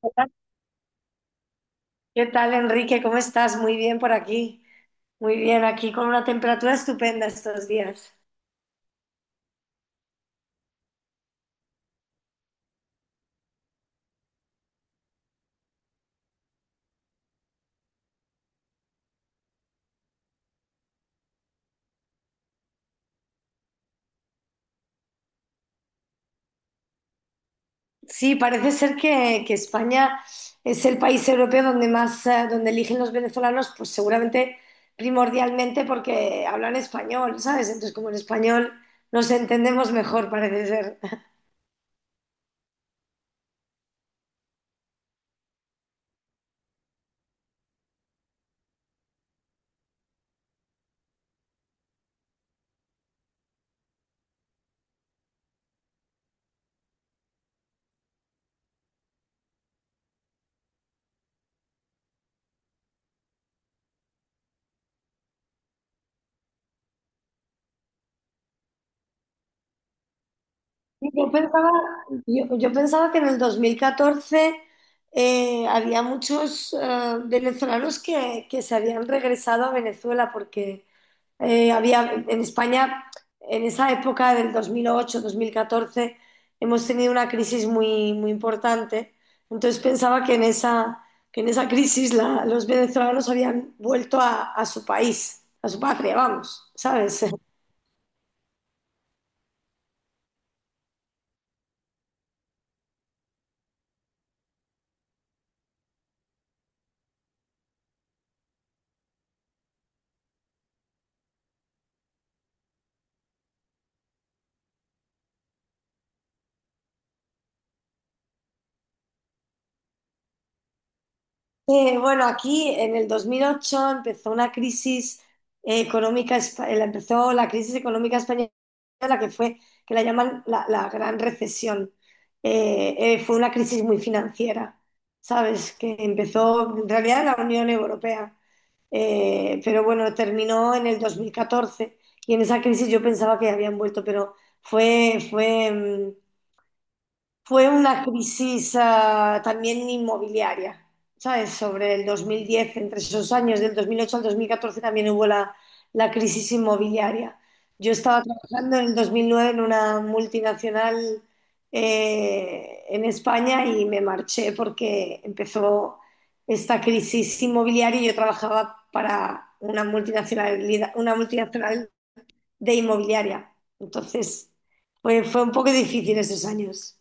¿Qué tal, Enrique? ¿Cómo estás? Muy bien por aquí. Muy bien, aquí con una temperatura estupenda estos días. Sí, parece ser que España es el país europeo donde más, donde eligen los venezolanos, pues seguramente primordialmente porque hablan español, ¿sabes? Entonces, como en español nos entendemos mejor, parece ser. Sí, yo pensaba, yo pensaba que en el 2014 había muchos venezolanos que se habían regresado a Venezuela porque había en España, en esa época del 2008-2014, hemos tenido una crisis muy, muy importante. Entonces pensaba que en esa crisis los venezolanos habían vuelto a su país, a su patria, vamos, ¿sabes? Bueno, aquí en el 2008 empezó una crisis económica, empezó la crisis económica española que fue, que la llaman la Gran Recesión. Fue una crisis muy financiera, ¿sabes? Que empezó en realidad en la Unión Europea, pero bueno, terminó en el 2014. Y en esa crisis yo pensaba que habían vuelto, pero fue fue una crisis también inmobiliaria, ¿sabes? Sobre el 2010, entre esos años, del 2008 al 2014 también hubo la crisis inmobiliaria. Yo estaba trabajando en el 2009 en una multinacional en España y me marché porque empezó esta crisis inmobiliaria y yo trabajaba para una multinacionalidad, una multinacional de inmobiliaria. Entonces, fue un poco difícil esos años.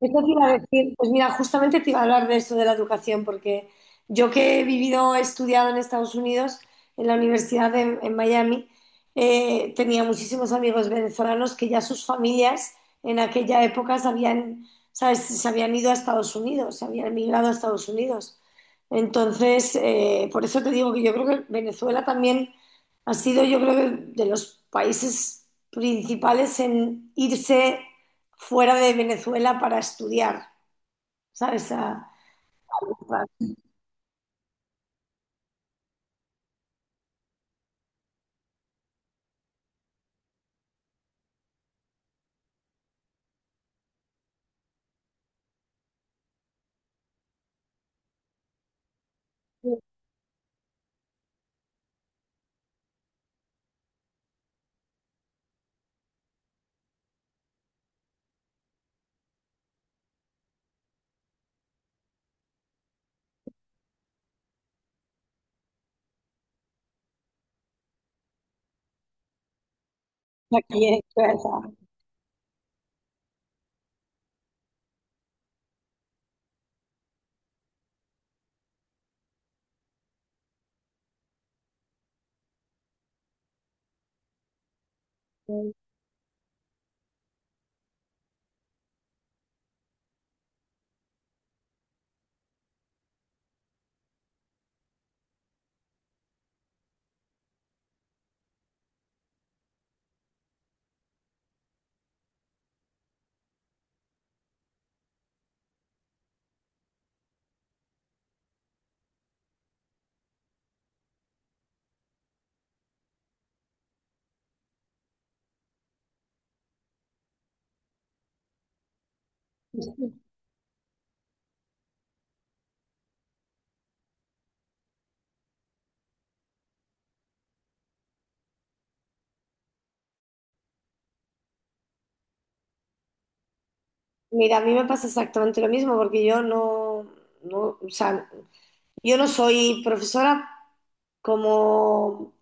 Eso te iba a decir, pues mira, justamente te iba a hablar de esto de la educación, porque yo que he vivido, he estudiado en Estados Unidos, en la en Miami, tenía muchísimos amigos venezolanos que ya sus familias en aquella época se habían, ¿sabes? Se habían ido a Estados Unidos, se habían emigrado a Estados Unidos. Entonces, por eso te digo que yo creo que Venezuela también ha sido, yo creo que de los países principales en irse fuera de Venezuela para estudiar, ¿sabes? Aquí en Suecia. Mira, a mí me pasa exactamente lo mismo porque yo no, no, o sea, yo no soy profesora como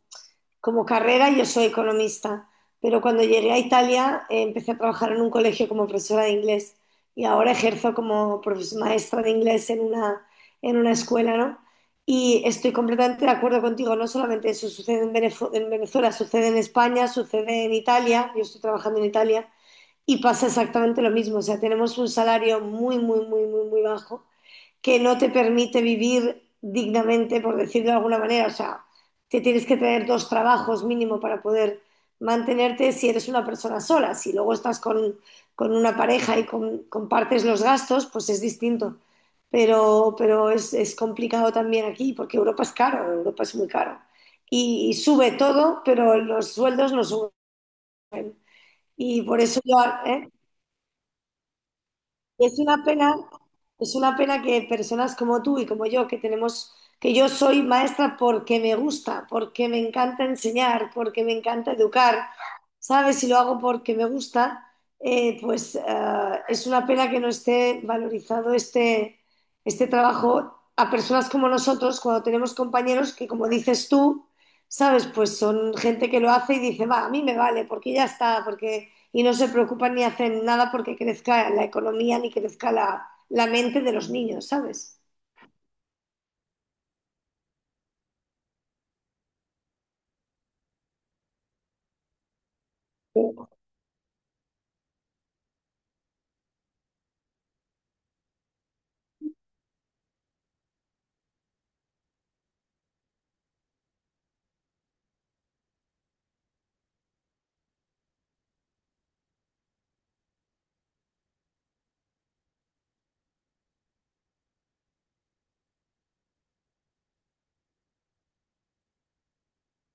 como carrera yo soy economista, pero cuando llegué a Italia empecé a trabajar en un colegio como profesora de inglés y ahora ejerzo como maestra de inglés en una escuela, ¿no? Y estoy completamente de acuerdo contigo, no solamente eso sucede en Venezuela, sucede en España, sucede en Italia, yo estoy trabajando en Italia y pasa exactamente lo mismo, o sea, tenemos un salario muy, muy, muy, muy, muy bajo que no te permite vivir dignamente, por decirlo de alguna manera. O sea, te tienes que tener dos trabajos mínimo para poder mantenerte si eres una persona sola. Si luego estás con una pareja y compartes los gastos, pues es distinto. Pero es complicado también aquí porque Europa es caro, Europa es muy caro. Y sube todo, pero los sueldos no suben. Y por eso yo, ¿eh? Es una pena, es una pena que personas como tú y como yo, que tenemos, que yo soy maestra porque me gusta, porque me encanta enseñar, porque me encanta educar, ¿sabes? Si lo hago porque me gusta, pues es una pena que no esté valorizado este trabajo a personas como nosotros, cuando tenemos compañeros que, como dices tú, ¿sabes? Pues son gente que lo hace y dice, va, a mí me vale, porque ya está, porque y no se preocupan ni hacen nada porque crezca la economía ni crezca la mente de los niños, ¿sabes?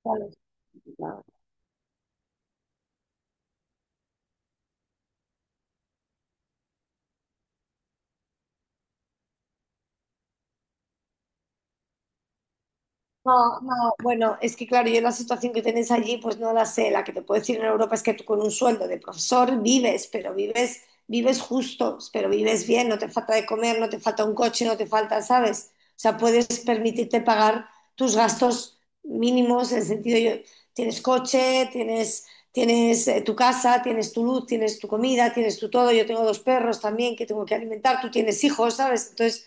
Claro, claro. No, no, bueno, es que claro, yo la situación que tenéis allí, pues no la sé. La que te puedo decir en Europa es que tú con un sueldo de profesor vives, pero vives, vives justo, pero vives bien, no te falta de comer, no te falta un coche, no te falta, ¿sabes? O sea, puedes permitirte pagar tus gastos mínimos, en el sentido, yo, tienes coche, tienes, tienes tu casa, tienes tu luz, tienes tu comida, tienes tu todo. Yo tengo dos perros también que tengo que alimentar, tú tienes hijos, ¿sabes? Entonces,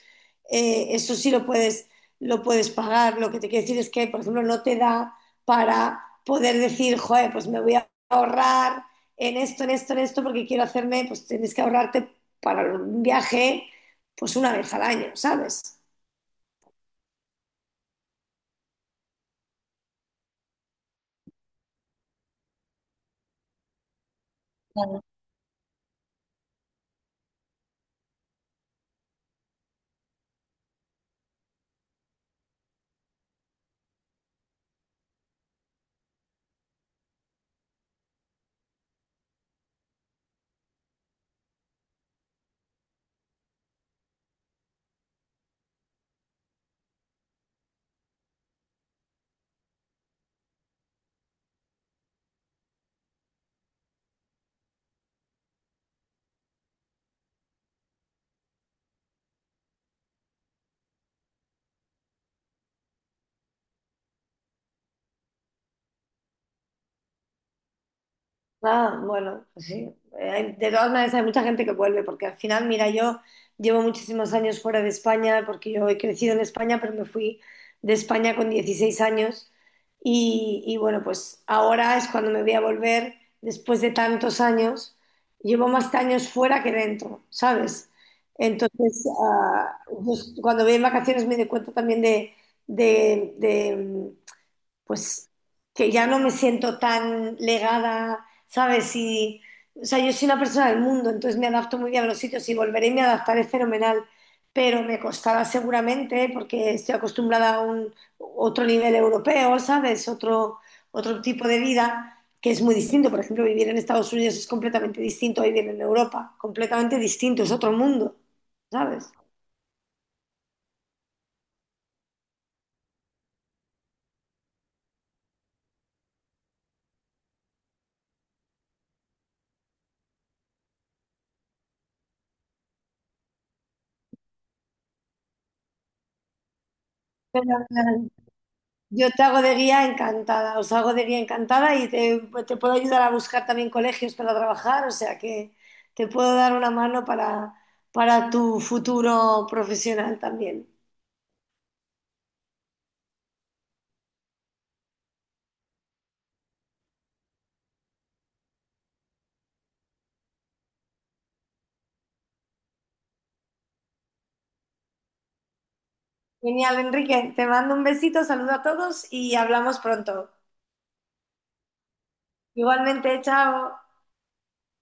eso sí lo puedes pagar. Lo que te quiero decir es que, por ejemplo, no te da para poder decir, joder, pues me voy a ahorrar en esto, en esto, en esto, porque quiero hacerme, pues tienes que ahorrarte para un viaje, pues una vez al año, ¿sabes? Claro. Ah, bueno, pues sí. De todas maneras, hay mucha gente que vuelve, porque al final, mira, yo llevo muchísimos años fuera de España, porque yo he crecido en España, pero me fui de España con 16 años. Y bueno, pues ahora es cuando me voy a volver después de tantos años. Llevo más años fuera que dentro, ¿sabes? Entonces, cuando voy en vacaciones me doy cuenta también de, pues que ya no me siento tan legada, ¿sabes? Y, o sea, yo soy una persona del mundo, entonces me adapto muy bien a los sitios y volveré y me adaptaré fenomenal, pero me costará seguramente porque estoy acostumbrada a un otro nivel europeo, ¿sabes? Otro, otro tipo de vida que es muy distinto. Por ejemplo, vivir en Estados Unidos es completamente distinto a vivir en Europa, completamente distinto, es otro mundo, ¿sabes? Yo te hago de guía encantada, os hago de guía encantada y te puedo ayudar a buscar también colegios para trabajar, o sea que te puedo dar una mano para tu futuro profesional también. Genial, Enrique, te mando un besito, saludo a todos y hablamos pronto. Igualmente, chao.